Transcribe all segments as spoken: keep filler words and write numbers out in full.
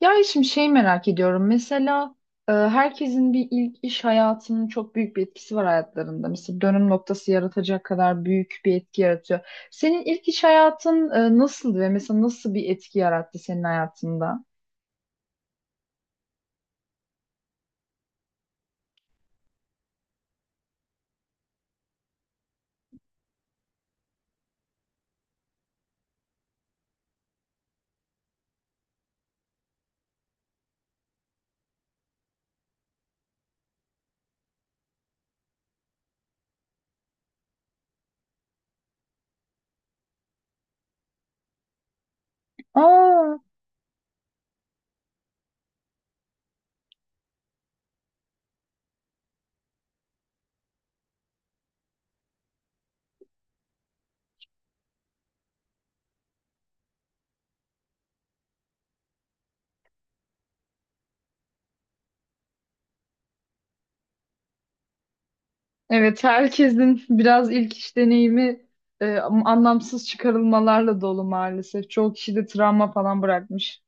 Ya şimdi şey merak ediyorum. Mesela e, herkesin bir ilk iş hayatının çok büyük bir etkisi var hayatlarında. Mesela dönüm noktası yaratacak kadar büyük bir etki yaratıyor. Senin ilk iş hayatın e, nasıldı ve mesela nasıl bir etki yarattı senin hayatında? Aa, evet herkesin biraz ilk iş deneyimi e, anlamsız çıkarılmalarla dolu maalesef. Çoğu kişi de travma falan bırakmış.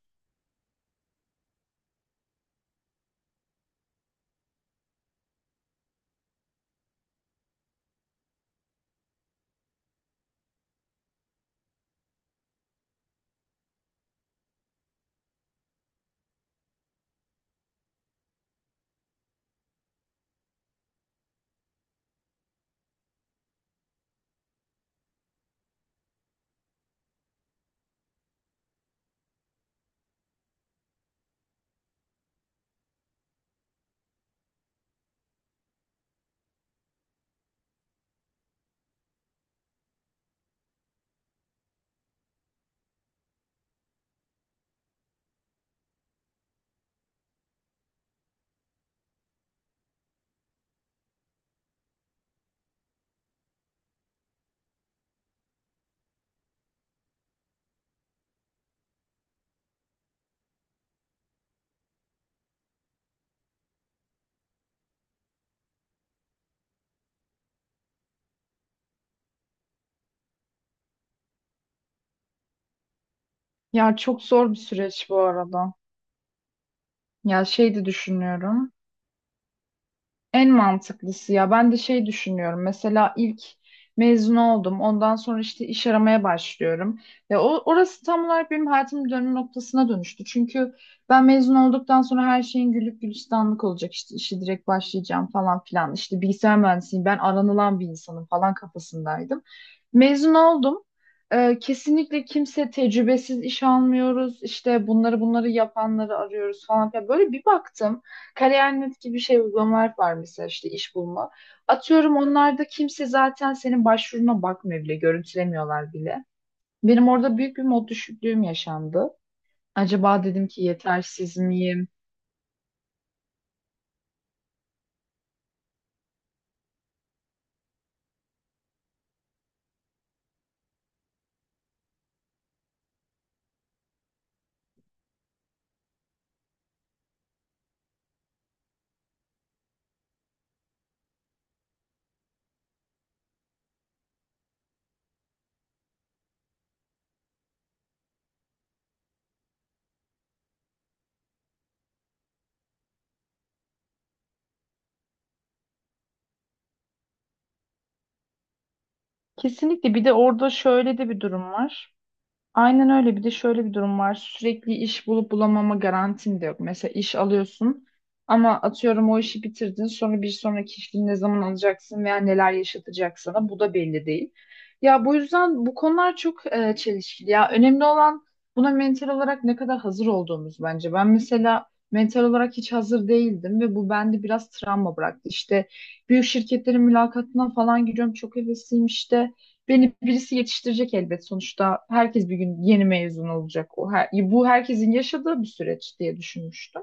Ya çok zor bir süreç bu arada. Ya şey de düşünüyorum. En mantıklısı ya ben de şey düşünüyorum mesela ilk mezun oldum ondan sonra işte iş aramaya başlıyorum ve o, orası tam olarak benim hayatımın dönüm noktasına dönüştü çünkü ben mezun olduktan sonra her şeyin gülüp gülistanlık olacak işte işe direkt başlayacağım falan filan işte bilgisayar mühendisiyim ben aranılan bir insanım falan kafasındaydım mezun oldum. Ee, kesinlikle kimse tecrübesiz iş almıyoruz işte bunları bunları yapanları arıyoruz falan filan böyle bir baktım. kariyer nokta net gibi şey uygulamalar var mesela işte iş bulma. Atıyorum onlarda kimse zaten senin başvuruna bakmıyor bile, görüntülemiyorlar bile. Benim orada büyük bir mod düşüklüğüm yaşandı. Acaba dedim ki yetersiz miyim? Kesinlikle bir de orada şöyle de bir durum var. Aynen öyle. Bir de şöyle bir durum var. Sürekli iş bulup bulamama garantin de yok. Mesela iş alıyorsun ama atıyorum o işi bitirdin. Sonra bir sonraki işini ne zaman alacaksın veya neler yaşatacak sana bu da belli değil. Ya bu yüzden bu konular çok e, çelişkili. Ya önemli olan buna mental olarak ne kadar hazır olduğumuz bence. Ben mesela mental olarak hiç hazır değildim ve bu bende biraz travma bıraktı. İşte büyük şirketlerin mülakatına falan giriyorum. Çok hevesliyim işte. Beni birisi yetiştirecek elbet sonuçta. Herkes bir gün yeni mezun olacak. O her- bu herkesin yaşadığı bir süreç diye düşünmüştüm.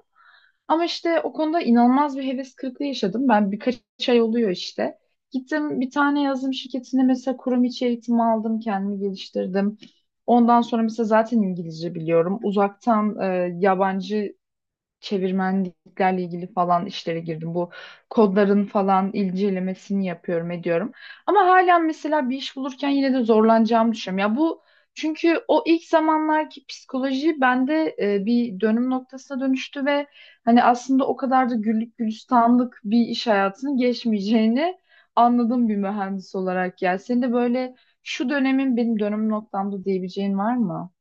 Ama işte o konuda inanılmaz bir heves kırıklığı yaşadım. Ben birkaç ay oluyor işte. Gittim bir tane yazılım şirketine mesela kurum içi eğitim aldım, kendimi geliştirdim. Ondan sonra mesela zaten İngilizce biliyorum. Uzaktan e, yabancı çevirmenliklerle ilgili falan işlere girdim. Bu kodların falan incelemesini yapıyorum, ediyorum. Ama hala mesela bir iş bulurken yine de zorlanacağımı düşünüyorum. Ya bu çünkü o ilk zamanlarki psikoloji bende e, bir dönüm noktasına dönüştü ve hani aslında o kadar da güllük gülistanlık bir iş hayatının geçmeyeceğini anladım bir mühendis olarak ya. Senin de böyle şu dönemin benim dönüm noktamda diyebileceğin var mı?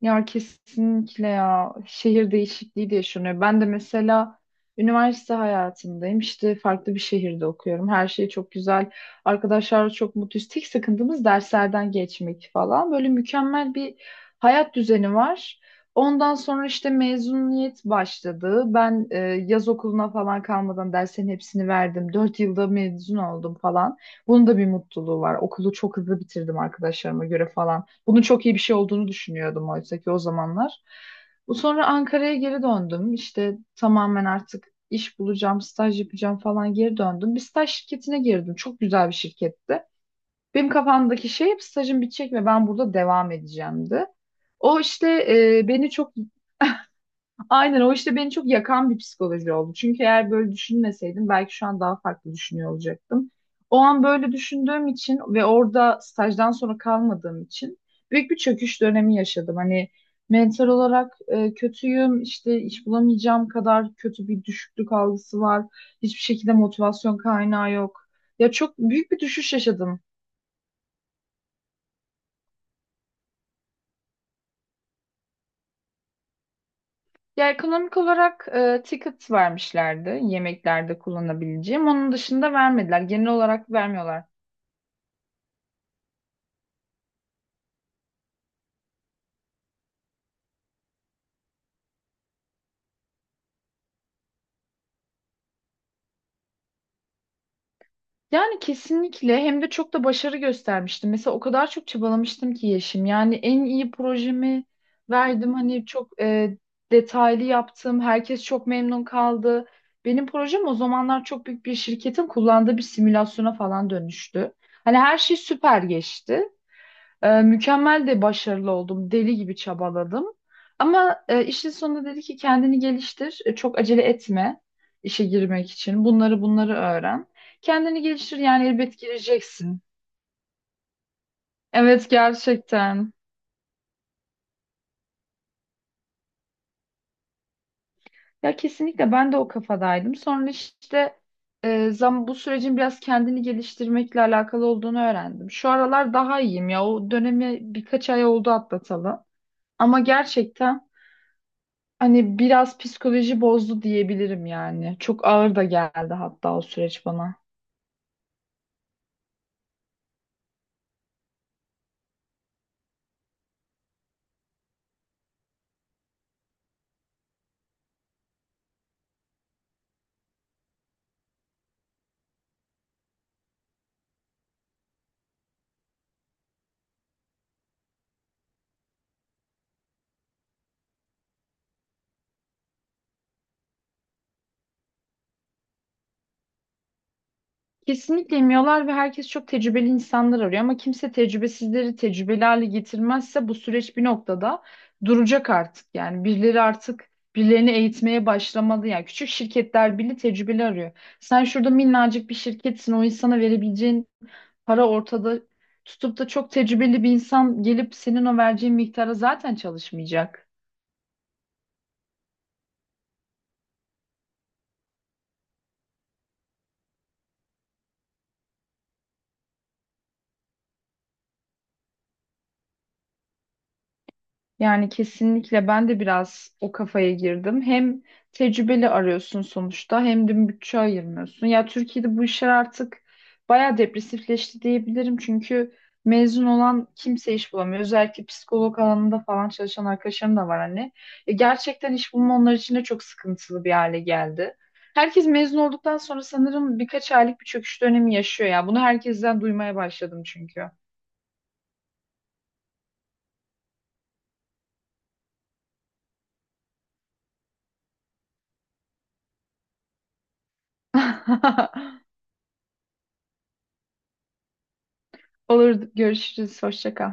Ya kesinlikle ya şehir değişikliği de yaşanıyor. Ben de mesela üniversite hayatındayım. İşte farklı bir şehirde okuyorum. Her şey çok güzel. Arkadaşlarla çok mutluyuz. Tek sıkıntımız derslerden geçmek falan. Böyle mükemmel bir hayat düzeni var. Ondan sonra işte mezuniyet başladı. Ben e, yaz okuluna falan kalmadan derslerin hepsini verdim. Dört yılda mezun oldum falan. Bunun da bir mutluluğu var. Okulu çok hızlı bitirdim arkadaşlarıma göre falan. Bunun çok iyi bir şey olduğunu düşünüyordum oysa ki o zamanlar. Bu sonra Ankara'ya geri döndüm. İşte tamamen artık iş bulacağım, staj yapacağım falan geri döndüm. Bir staj şirketine girdim. Çok güzel bir şirketti. Benim kafamdaki şey hep stajım bitecek ve ben burada devam edeceğimdi. O işte e, beni çok Aynen o işte beni çok yakan bir psikoloji oldu. Çünkü eğer böyle düşünmeseydim belki şu an daha farklı düşünüyor olacaktım. O an böyle düşündüğüm için ve orada stajdan sonra kalmadığım için büyük bir çöküş dönemi yaşadım. Hani mental olarak e, kötüyüm, işte iş bulamayacağım kadar kötü bir düşüklük algısı var. Hiçbir şekilde motivasyon kaynağı yok. Ya çok büyük bir düşüş yaşadım. Ya ekonomik olarak e, ticket vermişlerdi yemeklerde kullanabileceğim. Onun dışında vermediler. Genel olarak vermiyorlar. Yani kesinlikle hem de çok da başarı göstermiştim. Mesela o kadar çok çabalamıştım ki Yeşim. Yani en iyi projemi verdim. Hani çok e, detaylı yaptım. Herkes çok memnun kaldı. Benim projem o zamanlar çok büyük bir şirketin kullandığı bir simülasyona falan dönüştü. Hani her şey süper geçti. Ee, mükemmel de başarılı oldum. Deli gibi çabaladım. Ama e, işin sonunda dedi ki kendini geliştir. e, Çok acele etme işe girmek için. Bunları bunları öğren. Kendini geliştir yani elbet gireceksin. Evet gerçekten. Ya kesinlikle ben de o kafadaydım. Sonra işte e, zam bu sürecin biraz kendini geliştirmekle alakalı olduğunu öğrendim. Şu aralar daha iyiyim ya. O dönemi birkaç ay oldu atlatalı. Ama gerçekten. Hani biraz psikoloji bozdu diyebilirim yani. Çok ağır da geldi hatta o süreç bana. Kesinlikle emiyorlar ve herkes çok tecrübeli insanlar arıyor ama kimse tecrübesizleri tecrübeli hale getirmezse bu süreç bir noktada duracak artık. Yani birileri artık birilerini eğitmeye başlamadı. Yani küçük şirketler bile tecrübeli arıyor. Sen şurada minnacık bir şirketsin o insana verebileceğin para ortada tutup da çok tecrübeli bir insan gelip senin o vereceğin miktara zaten çalışmayacak. Yani kesinlikle ben de biraz o kafaya girdim. Hem tecrübeli arıyorsun sonuçta hem de bütçe ayırmıyorsun. Ya Türkiye'de bu işler artık bayağı depresifleşti diyebilirim. Çünkü mezun olan kimse iş bulamıyor. Özellikle psikolog alanında falan çalışan arkadaşlarım da var hani. E, gerçekten iş bulma onlar için de çok sıkıntılı bir hale geldi. Herkes mezun olduktan sonra sanırım birkaç aylık bir çöküş dönemi yaşıyor ya. Bunu herkesten duymaya başladım çünkü. Olur görüşürüz. Hoşça kal.